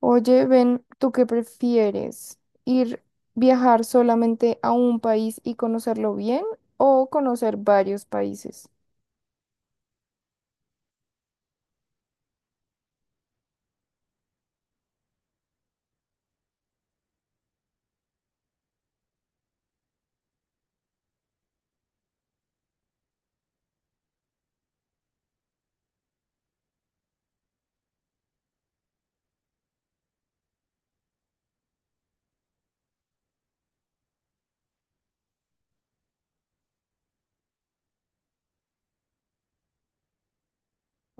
Oye, ven, ¿tú qué prefieres? ¿Ir viajar solamente a un país y conocerlo bien o conocer varios países?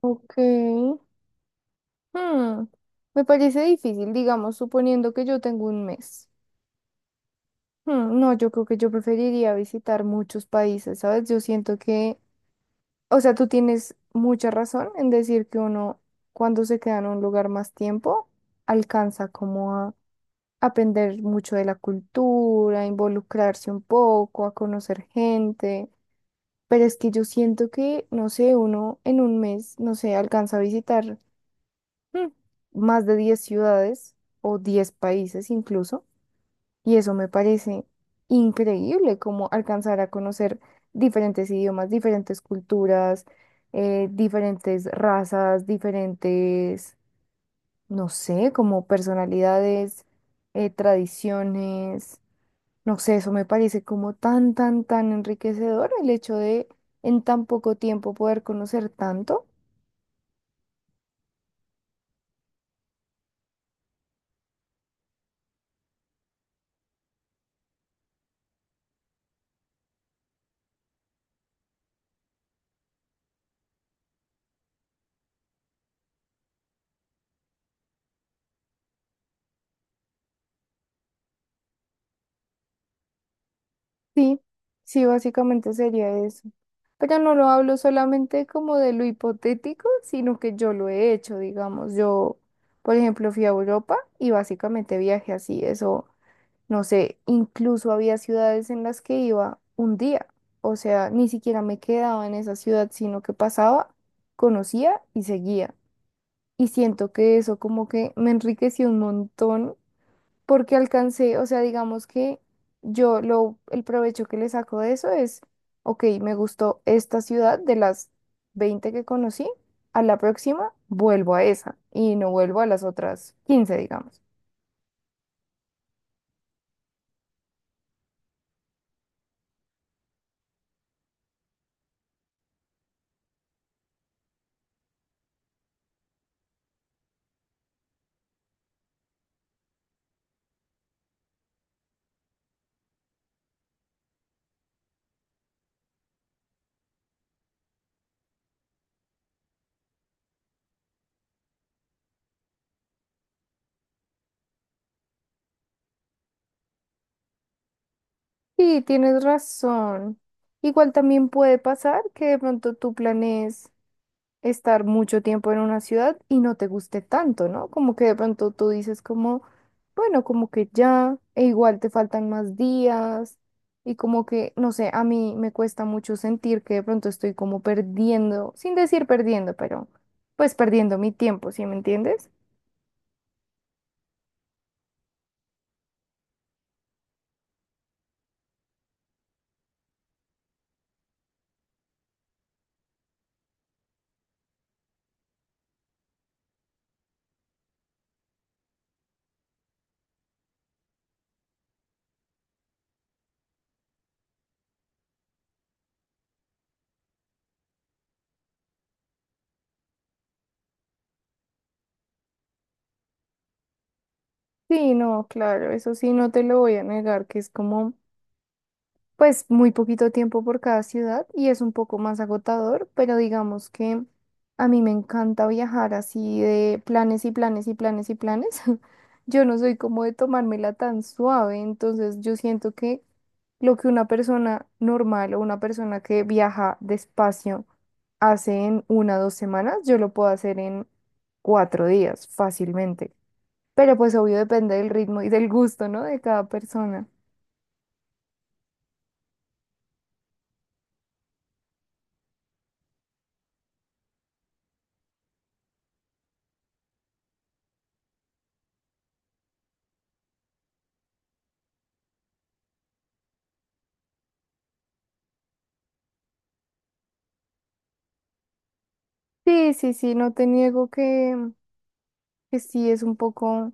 Ok. Hmm, Me parece difícil, digamos, suponiendo que yo tengo un mes. Hmm, no, yo creo que yo preferiría visitar muchos países, ¿sabes? Yo siento que, o sea, tú tienes mucha razón en decir que uno, cuando se queda en un lugar más tiempo, alcanza como aprender mucho de la cultura, involucrarse un poco, a conocer gente. Pero es que yo siento que, no sé, uno en un mes, no sé, alcanza a visitar mm, más de 10 ciudades o 10 países incluso. Y eso me parece increíble, como alcanzar a conocer diferentes idiomas, diferentes culturas, diferentes razas, diferentes, no sé, como personalidades, tradiciones. No sé, eso me parece como tan, tan, tan enriquecedor el hecho de en tan poco tiempo poder conocer tanto. Sí, sí, básicamente sería eso. Pero no lo hablo solamente como de lo hipotético, sino que yo lo he hecho, digamos. Yo, por ejemplo, fui a Europa y básicamente viajé así, eso, no sé, incluso había ciudades en las que iba un día. O sea, ni siquiera me quedaba en esa ciudad, sino que pasaba, conocía y seguía. Y siento que eso como que me enriqueció un montón porque alcancé, o sea, digamos que yo lo, el provecho que le saco de eso es, ok, me gustó esta ciudad de las 20 que conocí, a la próxima vuelvo a esa y no vuelvo a las otras 15 digamos. Sí, tienes razón. Igual también puede pasar que de pronto tú planees, estar mucho tiempo en una ciudad y no te guste tanto, ¿no? Como que de pronto tú dices como, bueno, como que ya, e igual te faltan más días y como que, no sé, a mí me cuesta mucho sentir que de pronto estoy como perdiendo, sin decir perdiendo, pero pues perdiendo mi tiempo, ¿sí me entiendes? Sí, no, claro, eso sí, no te lo voy a negar, que es como... pues muy poquito tiempo por cada ciudad y es un poco más agotador, pero digamos que a mí me encanta viajar así de planes y planes y planes y planes. Yo no soy como de tomármela tan suave, entonces yo siento que lo que una persona normal o una persona que viaja despacio hace en 1 o 2 semanas, yo lo puedo hacer en 4 días fácilmente. Pero pues obvio depende del ritmo y del gusto, ¿no? De cada persona. Sí, sí, sí, no te niego que sí es un poco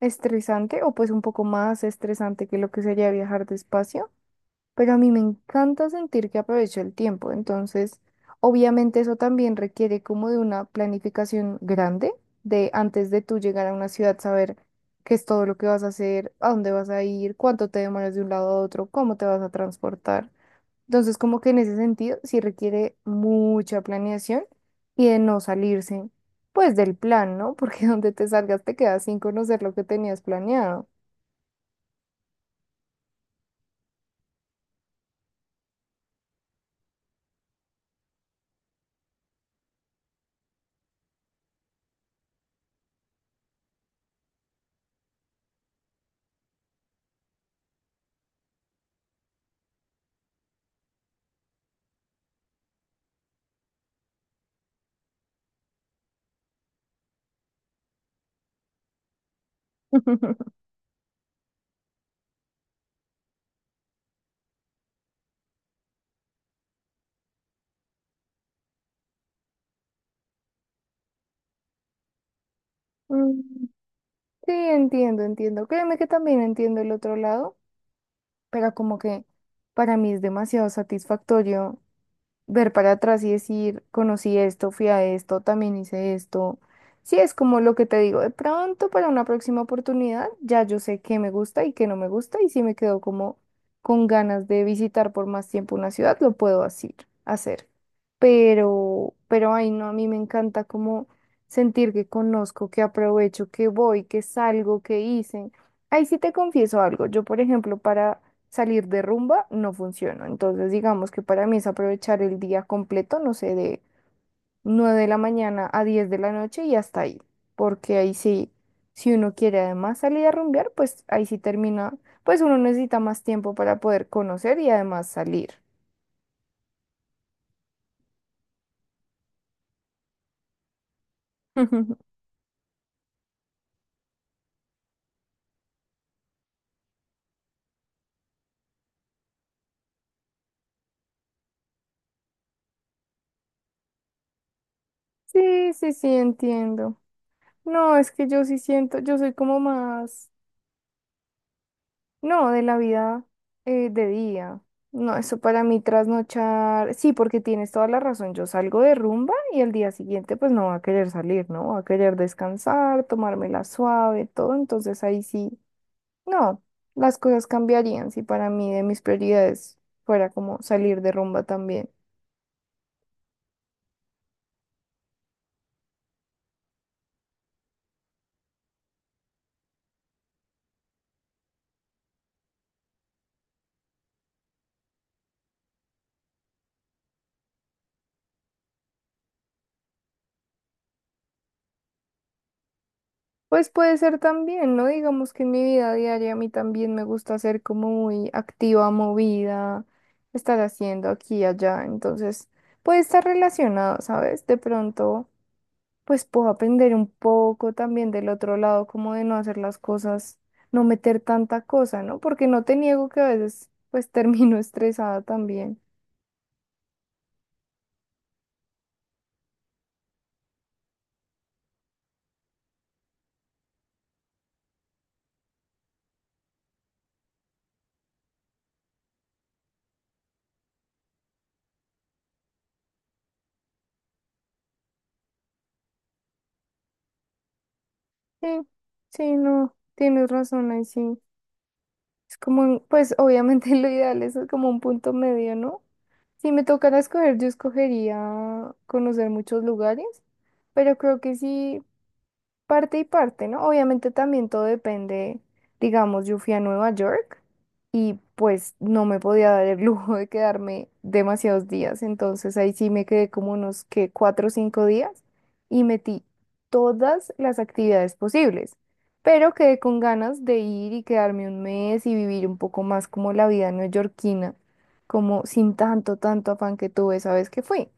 estresante o pues un poco más estresante que lo que sería viajar despacio, pero a mí me encanta sentir que aprovecho el tiempo, entonces obviamente eso también requiere como de una planificación grande de antes de tú llegar a una ciudad saber qué es todo lo que vas a hacer, a dónde vas a ir, cuánto te demoras de un lado a otro, cómo te vas a transportar. Entonces, como que en ese sentido, sí requiere mucha planeación y de no salirse, pues, del plan, ¿no? Porque donde te salgas te quedas sin conocer lo que tenías planeado. Mm, sí, entiendo, entiendo. Créeme que también entiendo el otro lado, pero como que para mí es demasiado satisfactorio ver para atrás y decir, conocí esto, fui a esto, también hice esto. Sí, es como lo que te digo, de pronto para una próxima oportunidad ya yo sé qué me gusta y qué no me gusta y si me quedo como con ganas de visitar por más tiempo una ciudad, lo puedo así, hacer. Pero ay no, a mí me encanta como sentir que conozco, que aprovecho, que voy, que salgo, que hice. Ahí sí te confieso algo, yo por ejemplo para salir de rumba no funciona. Entonces, digamos que para mí es aprovechar el día completo, no sé, de 9 de la mañana a 10 de la noche y hasta ahí. Porque ahí sí, si uno quiere además salir a rumbear, pues ahí sí termina, pues uno necesita más tiempo para poder conocer y además salir. Sí, sí, sí, entiendo. No, es que yo sí siento, yo soy como más... No, de la vida de día. No, eso para mí trasnochar. Sí, porque tienes toda la razón. Yo salgo de rumba y al día siguiente pues no va a querer salir, ¿no? Va a querer descansar, tomármela suave, todo. Entonces ahí sí, no, las cosas cambiarían si para mí de mis prioridades fuera como salir de rumba también. Pues puede ser también, ¿no? Digamos que en mi vida diaria a mí también me gusta ser como muy activa, movida, estar haciendo aquí y allá. Entonces, puede estar relacionado, ¿sabes? De pronto, pues puedo aprender un poco también del otro lado, como de no hacer las cosas, no meter tanta cosa, ¿no? Porque no te niego que a veces, pues termino estresada también. Sí, sí, no, tienes razón ahí sí. Es como, pues obviamente lo ideal es como un punto medio, ¿no? Si me tocara escoger, yo escogería conocer muchos lugares, pero creo que sí. Parte y parte, ¿no? Obviamente también todo depende, digamos, yo fui a Nueva York y pues no me podía dar el lujo de quedarme demasiados días, entonces ahí sí me quedé como unos que 4 o 5 días y metí todas las actividades posibles, pero quedé con ganas de ir y quedarme un mes y vivir un poco más como la vida neoyorquina, como sin tanto, tanto afán que tuve, ¿sabes? Que fui.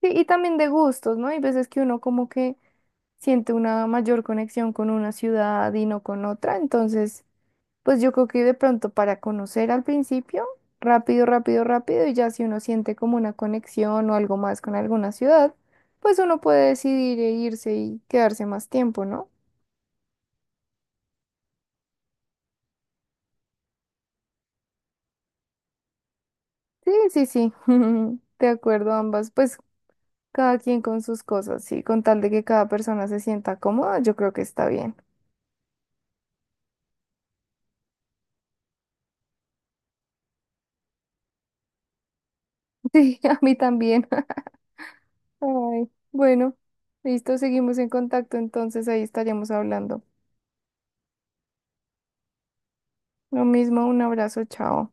Sí, y también de gustos, ¿no? Hay veces que uno como que siento una mayor conexión con una ciudad y no con otra. Entonces, pues yo creo que de pronto para conocer al principio, rápido, rápido, rápido, y ya si uno siente como una conexión o algo más con alguna ciudad, pues uno puede decidir e irse y quedarse más tiempo, ¿no? Sí, sí, sí, de acuerdo ambas, pues cada quien con sus cosas, sí, con tal de que cada persona se sienta cómoda, yo creo que está bien. Sí, a mí también. Ay, bueno, listo, seguimos en contacto, entonces ahí estaremos hablando. Lo mismo, un abrazo, chao.